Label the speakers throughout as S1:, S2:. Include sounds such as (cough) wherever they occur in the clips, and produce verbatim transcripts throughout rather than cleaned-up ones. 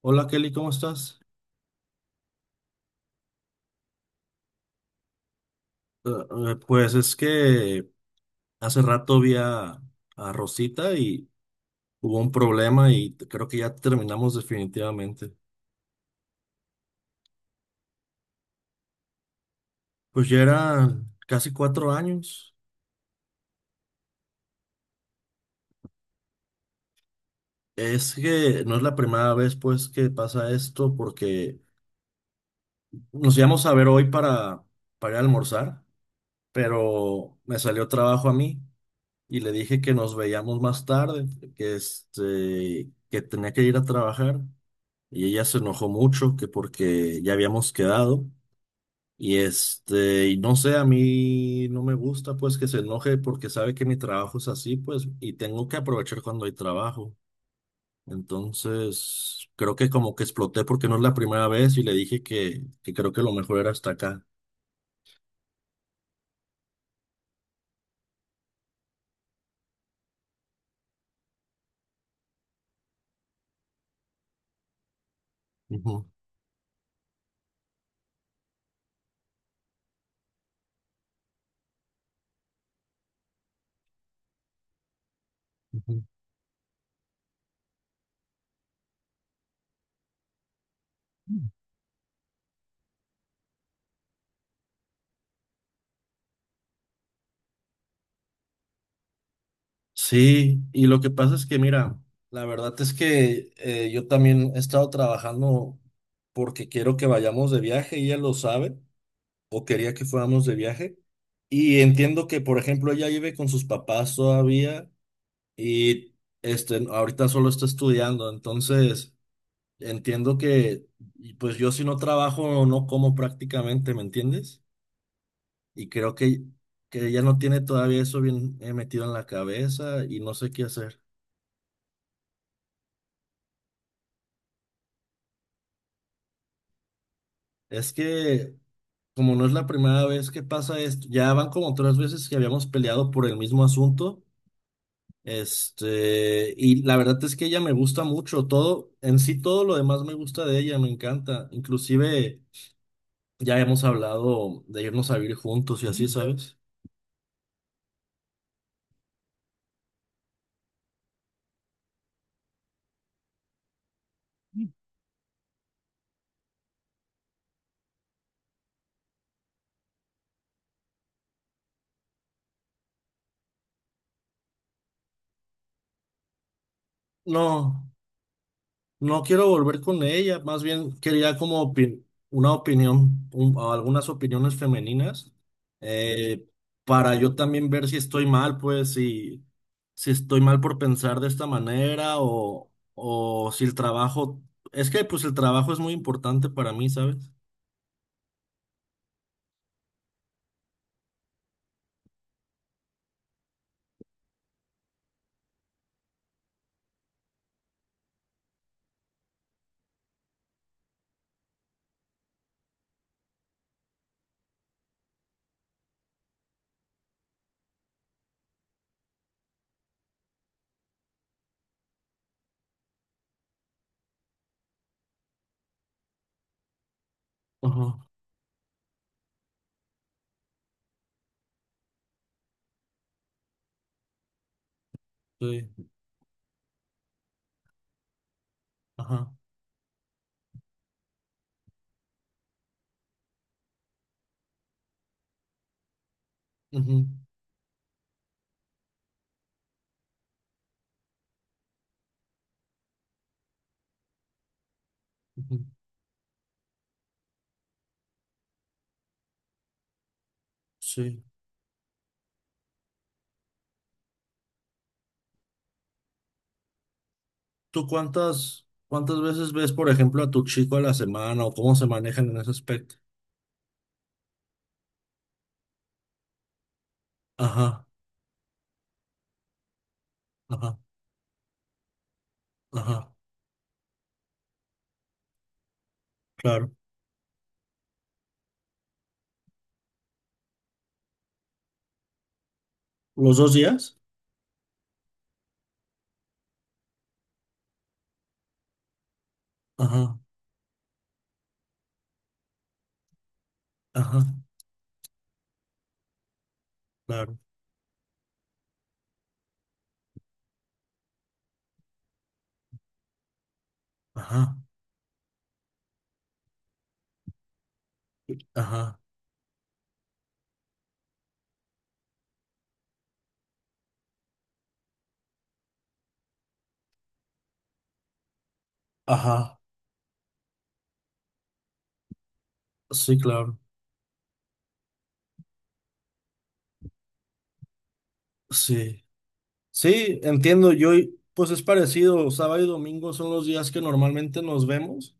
S1: Hola Kelly, ¿cómo estás? Eh, eh, pues es que hace rato vi a, a Rosita y hubo un problema y t- creo que ya terminamos definitivamente. Pues ya eran casi cuatro años. Es que no es la primera vez pues que pasa esto porque nos íbamos a ver hoy para, para ir a almorzar, pero me salió trabajo a mí y le dije que nos veíamos más tarde, que, este, que tenía que ir a trabajar. Y ella se enojó mucho que porque ya habíamos quedado y este, y no sé, a mí no me gusta pues que se enoje porque sabe que mi trabajo es así pues y tengo que aprovechar cuando hay trabajo. Entonces, creo que como que exploté porque no es la primera vez y le dije que, que creo que lo mejor era hasta acá. Ujú, ujú. Sí, y lo que pasa es que, mira, la verdad es que eh, yo también he estado trabajando porque quiero que vayamos de viaje, y ella lo sabe, o quería que fuéramos de viaje. Y entiendo que, por ejemplo, ella vive con sus papás todavía y este, ahorita solo está estudiando. Entonces, entiendo que, y pues yo si no trabajo, no como prácticamente, ¿me entiendes? Y creo que, que ella no tiene todavía eso bien, eh, metido en la cabeza y no sé qué hacer. Es que, como no es la primera vez que pasa esto, ya van como tres veces que habíamos peleado por el mismo asunto. Este, y la verdad es que ella me gusta mucho, todo, en sí todo lo demás me gusta de ella, me encanta. Inclusive ya hemos hablado de irnos a vivir juntos y así, ¿sabes? No. No quiero volver con ella, más bien quería como opi- una opinión, un- o algunas opiniones femeninas, eh, para yo también ver si estoy mal, pues si, si estoy mal por pensar de esta manera, o, o si el trabajo, es que pues el trabajo es muy importante para mí, ¿sabes? Ajá, sí, ajá, ujú, ujú, sí. ¿Tú cuántas, cuántas veces ves, por ejemplo, a tu chico a la semana o cómo se manejan en ese aspecto? Ajá, ajá, ajá. Claro. ¿Los dos días? Ajá, ajá, claro. Ajá, ajá, ajá. Sí, claro. Sí. Sí, entiendo. Yo, pues es parecido. Sábado y domingo son los días que normalmente nos vemos.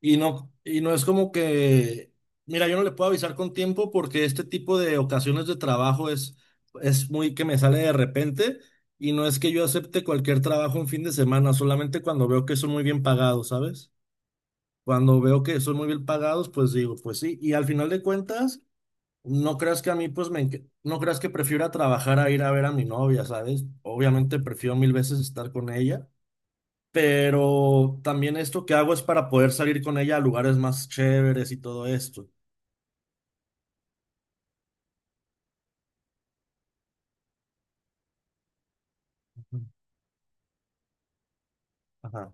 S1: Y no, y no es como que, mira, yo no le puedo avisar con tiempo porque este tipo de ocasiones de trabajo es, es muy que me sale de repente. Y no es que yo acepte cualquier trabajo en fin de semana, solamente cuando veo que son muy bien pagados, ¿sabes? Cuando veo que son muy bien pagados, pues digo, pues sí. Y al final de cuentas, no creas que a mí, pues me, enc- no creas que prefiera trabajar a ir a ver a mi novia, ¿sabes? Obviamente prefiero mil veces estar con ella, pero también esto que hago es para poder salir con ella a lugares más chéveres y todo esto. Ujú. Ajá.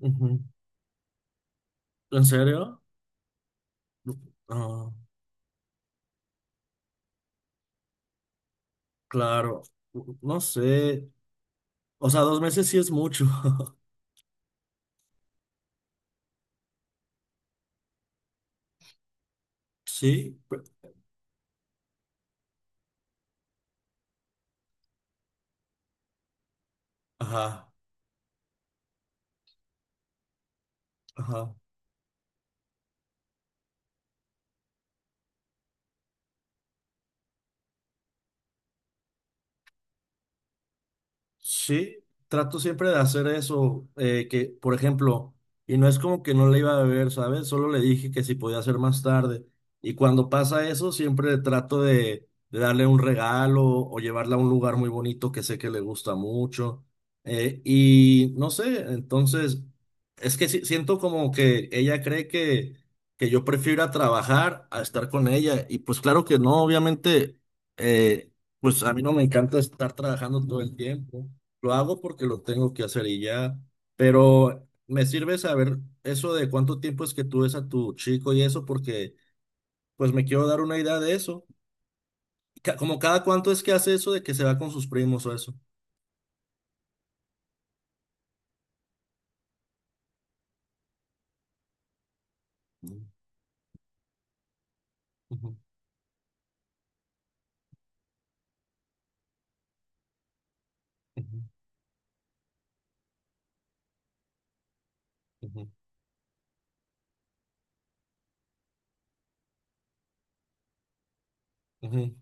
S1: Ujú. ¿En serio? Ah, claro. No sé. O sea, dos meses sí es mucho. (laughs) Sí. pe- Ajá. Ajá. Sí, trato siempre de hacer eso, eh, que, por ejemplo, y no es como que no le iba a beber, ¿sabes? Solo le dije que si podía hacer más tarde. Y cuando pasa eso, siempre trato de, de darle un regalo o llevarla a un lugar muy bonito que sé que le gusta mucho. Eh, y no sé, entonces, es que sí- siento como que ella cree que, que yo prefiero ir a trabajar a estar con ella. Y pues claro que no, obviamente, eh, pues a mí no me encanta estar trabajando todo el tiempo. Lo hago porque lo tengo que hacer y ya, pero me sirve saber eso de cuánto tiempo es que tú ves a tu chico y eso, porque pues me quiero dar una idea de eso. Ca- Como cada cuánto es que hace eso de que se va con sus primos o eso. Mm, ujú, ujú, ujú, ujú.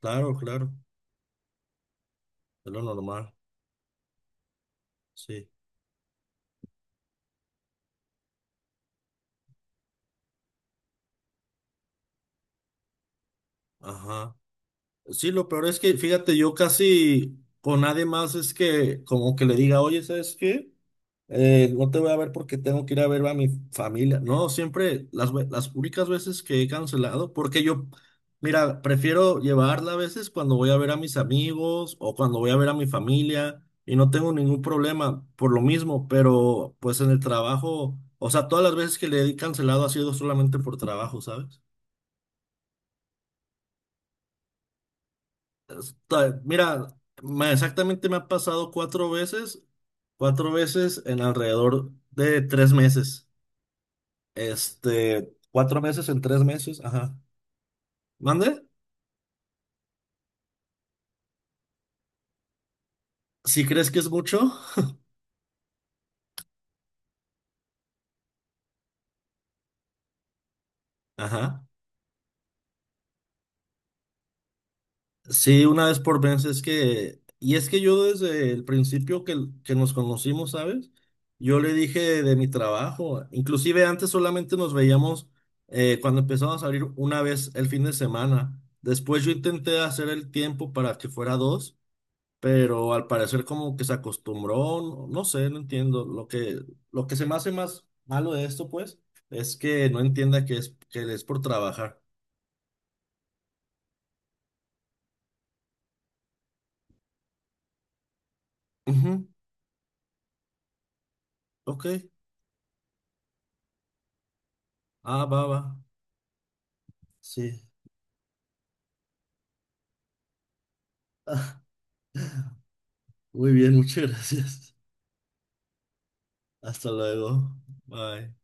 S1: Claro, claro, es lo normal, sí. Ajá. Sí, lo peor es que, fíjate, yo casi con nadie más es que como que le diga, oye, ¿sabes qué? Eh, no te voy a ver porque tengo que ir a ver a mi familia. No, siempre las, ve- las únicas veces que he cancelado, porque yo, mira, prefiero llevarla a veces cuando voy a ver a mis amigos o cuando voy a ver a mi familia y no tengo ningún problema por lo mismo, pero pues en el trabajo, o sea, todas las veces que le he cancelado ha sido solamente por trabajo, ¿sabes? Ta- Mira, me- exactamente me ha pasado cuatro veces, cuatro veces en alrededor de tres meses. Este, cuatro meses en tres meses, ajá. ¿Mande? Si crees que es mucho, ajá. Sí, una vez por mes es que, y es que yo desde el principio que, que, nos conocimos, ¿sabes? Yo le dije de mi trabajo, inclusive antes solamente nos veíamos, eh, cuando empezamos a salir una vez el fin de semana. Después yo intenté hacer el tiempo para que fuera dos, pero al parecer como que se acostumbró, no, no sé, no entiendo. Lo que, lo que se me hace más malo de esto, pues, es que no entienda que es, que es por trabajar. Ujú, ok, ah, va, va, sí. (laughs) Ah, muy bien, muchas gracias. Hasta luego. Bye.